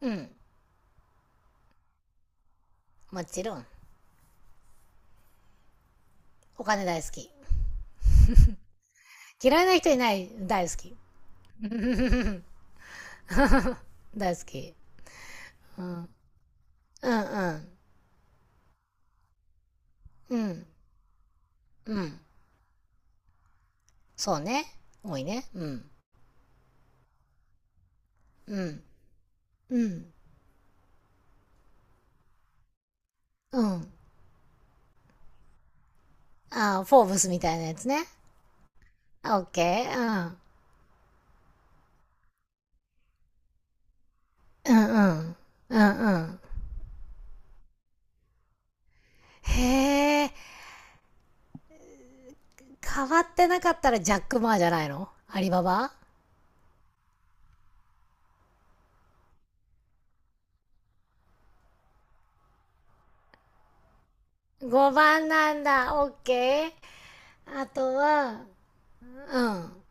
うん。もちろん。お金大好き。嫌いな人いない。大好き。大好き。うんうん。うん。うん。そうね。多いね。うん。うん。うん。うん。ああ、フォーブスみたいなやつね。オッケー。うん。うんうん。うんうん。へえ。変わってなかったらジャック・マーじゃないの、アリババ？ 5 番なんだ。オッケー。あとは、うん。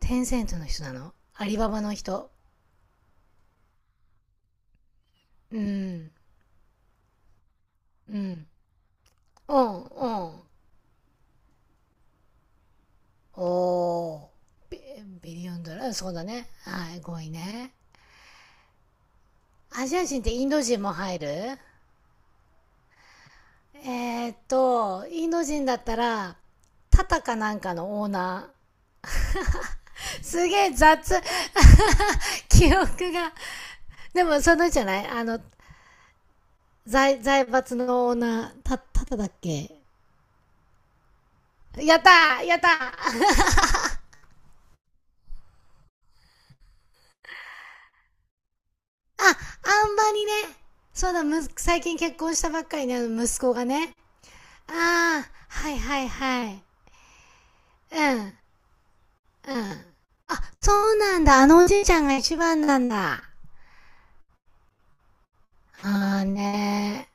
テンセントの人なの、アリババの人？うん。うん。うんうん、おー、ビリヨンドラ、そうだね、はい、ごいね。アジア人ってインド人も入る？インド人だったらタタかなんかのオーナーすげえ雑 記憶が、でもそのじゃない、あの財財閥のオーナー、タタタだっけ？やったーやったー ああ、んまりね。そうだ、む、最近結婚したばっかりね、息子がね。ああ、はいはいはい。うん、うん。あ、そうなんだ。あのおじいちゃんが一番なんだ。ああね、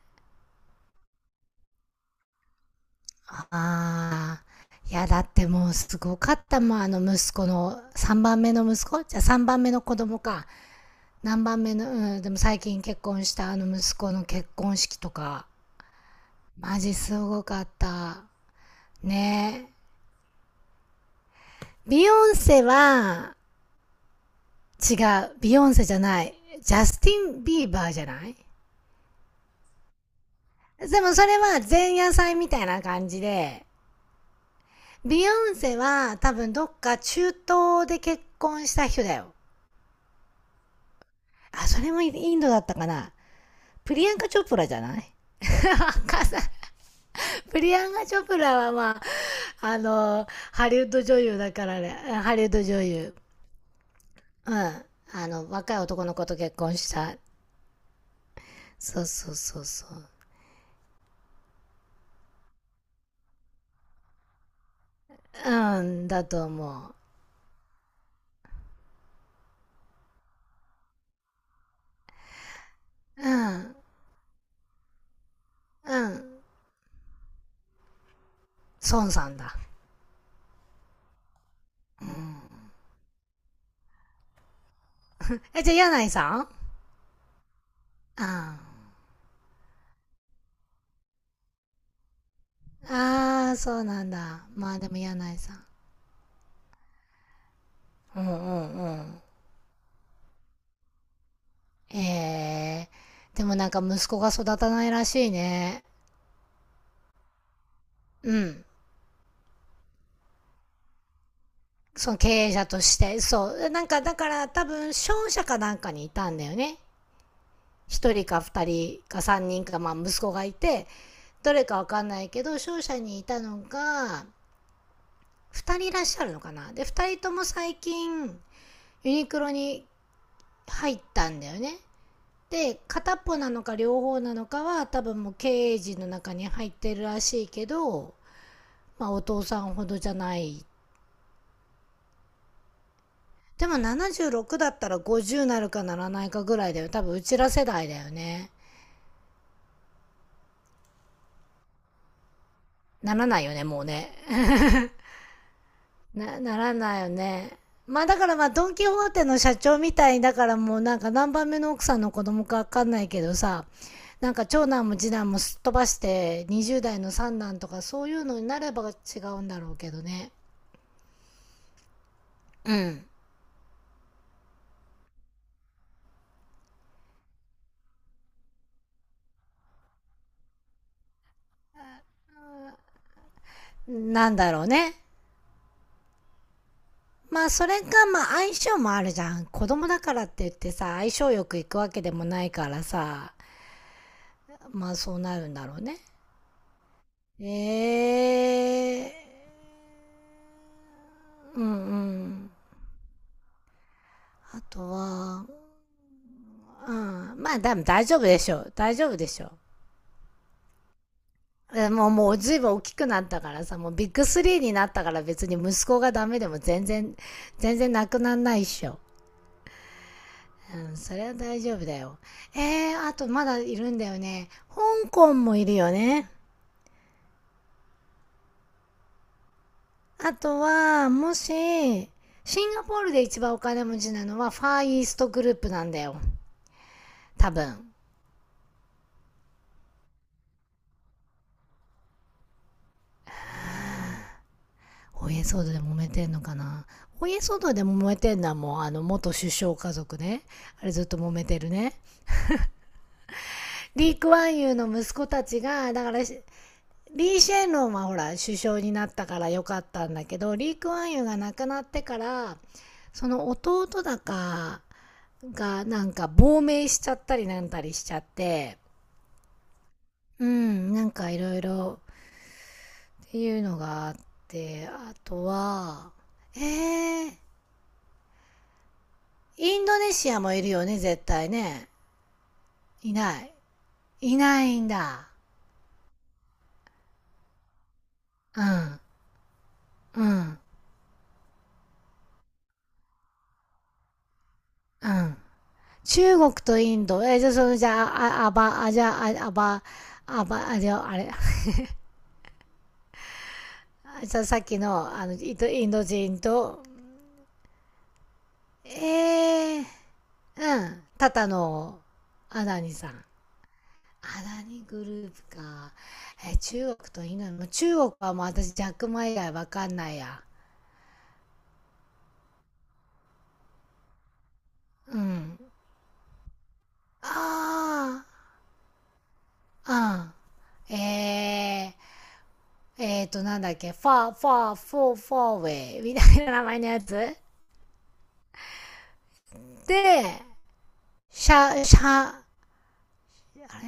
ーああ。いや、だってもうすごかったもん。あの息子の、3番目の息子、じゃあ3番目の子供か。何番目の、うん、でも最近結婚したあの息子の結婚式とか。マジすごかった。ねえ。ビヨンセは、違う。ビヨンセじゃない。ジャスティン・ビーバーじゃない？でもそれは前夜祭みたいな感じで、ビヨンセは多分どっか中東で結婚した人だよ。あ、それもインドだったかな。プリアンカ・チョプラじゃない さん。プリアンカ・チョプラはまあ、あの、ハリウッド女優だからね。ハリウッド女優。うん。あの、若い男の子と結婚した。そうそうそうそう。うん、だと思う。うん、うん。孫さんだ。うん、え、じゃあ、柳井さん？うん。ああ、そうなんだ。まあでも柳井さん。うんうんうん。ええ、でもなんか息子が育たないらしいね。うん。その経営者として。そう。なんかだから多分商社かなんかにいたんだよね。一人か二人か三人か、まあ息子がいて、どれかわかんないけど、商社にいたのが、二人いらっしゃるのかな。で、二人とも最近、ユニクロに入ったんだよね。で、片っぽなのか両方なのかは多分もう経営陣の中に入ってるらしいけど、まあ、お父さんほどじゃない。でも76だったら50なるかならないかぐらいだよ、多分うちら世代だよね。ならないよね、もうね な、ならないよね。まあだからまあドン・キホーテの社長みたいだから、もうなんか何番目の奥さんの子供かわかんないけどさ、なんか長男も次男もすっ飛ばして20代の三男とかそういうのになれば違うんだろうけどね。うん、なんだろうね。まあそれがまあ相性もあるじゃん。子供だからって言ってさ、相性よくいくわけでもないからさ、まあそうなるんだろうね。ええー、うんうん。あとは、うん。まあ多分大丈夫でしょう。大丈夫でしょう。もう、もう随分大きくなったからさ、もうビッグスリーになったから、別に息子がダメでも全然、全然なくなんないっしょ。うん、それは大丈夫だよ。あとまだいるんだよね。香港もいるよね。あとは、もし、シンガポールで一番お金持ちなのはファーイーストグループなんだよ。多分。お家騒動で揉めてんのかな？お家騒動で揉めてんのはもうあの元首相家族ね。あれずっと揉めてるね。リー・クワンユーの息子たちが、だから、し、リー・シェンロンはほら首相になったから良かったんだけど、リー・クワンユーが亡くなってから、その弟だかがなんか亡命しちゃったりなんたりしちゃって、うん、なんかいろいろっていうのがあって、あとは、えー、インドネシアもいるよね、絶対ね。いない、いないんだ。うんうんうん、中国とインド。え、じゃあ、その、じゃあ、あ、あば、あ、じゃあ、あ、あば、あば、あ、じゃあ、あれ。あ、じゃあ、あば、あば、あ、じゃあ、あれ、じゃあさっきの、あの、インド、インド人と、えー、うん。タタの、アダニさん。アダニグループか。え、中国とインド。も、中国はもう私、ジャックマ以外わかんないや。うん。ああ、うん。なんだっけ、ファー、ファー、フォー、フォーウェイみたいな名前のやつで、シャ、シャ、あれ、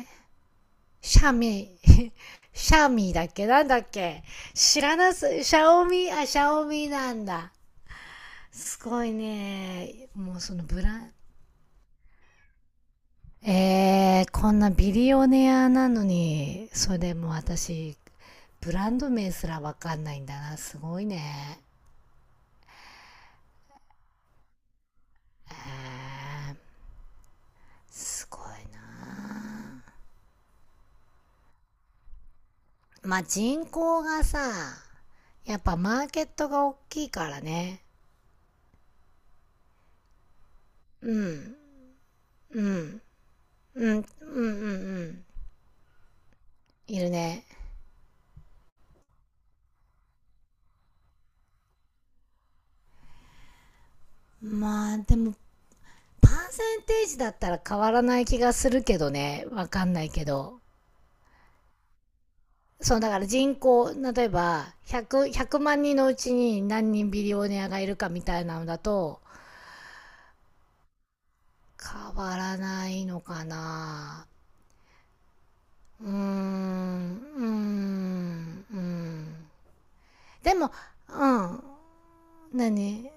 シャミ、シャミだっけ、なんだっけ？知らなす、シャオミ、あ、シャオミなんだ。すごいね。もうそのブラン、えー、こんなビリオネアなのに、それでも私、ブランド名すらわかんないんだな。すごいね。えー、すごいな。まあ、人口がさ、やっぱマーケットが大きいからね。うん、うん。うん、うんうんうん。いるね。まあでも、パーセンテージだったら変わらない気がするけどね。わかんないけど。そう、だから人口、例えば、100、万人のうちに何人ビリオネアがいるかみたいなのだと、変わらないのかな。うーん、うーん、うん。でも、うん。何？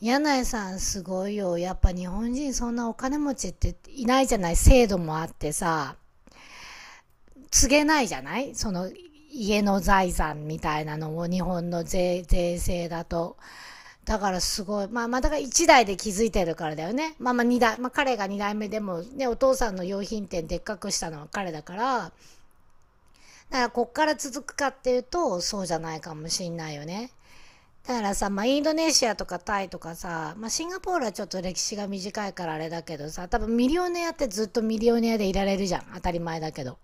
柳井さんすごいよ。やっぱ日本人そんなお金持ちっていないじゃない、制度もあってさ、告げないじゃない、その家の財産みたいなのを、日本の税、税制だと。だからすごい。まあまあだから1代で気づいてるからだよね。まあまあ2代、まあ彼が2代目でもね、お父さんの用品店でっかくしたのは彼だから、だからこっから続くかっていうとそうじゃないかもしんないよね。だからさ、まあ、インドネシアとかタイとかさ、まあ、シンガポールはちょっと歴史が短いからあれだけどさ、多分ミリオネアってずっとミリオネアでいられるじゃん。当たり前だけど。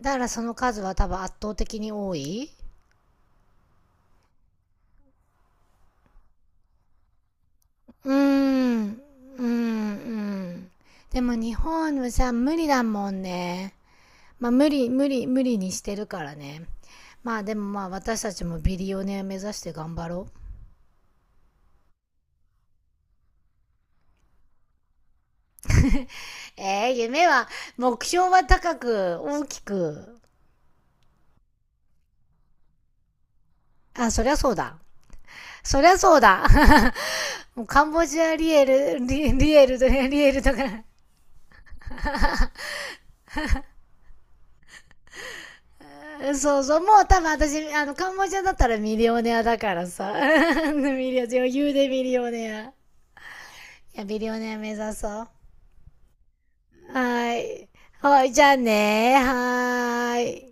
だからその数は多分圧倒的に多い。うーん、うーん、うん。でも日本はさ、無理だもんね。まあ無理、無理、無理にしてるからね。まあでもまあ私たちもビリオネア目指して頑張ろう。ええ、夢は、目標は高く、大きく。あ、そりゃそうだ。そりゃそうだ。もうカンボジアリエル、リ、リエルとリエルとか。そうそう、もう多分私、あの、カンボジアだったらミリオネアだからさ。ミリオネア、余裕でミリオネア。いや、ミリオネア目指そう。はーい。はい、じゃあね、ーはーい。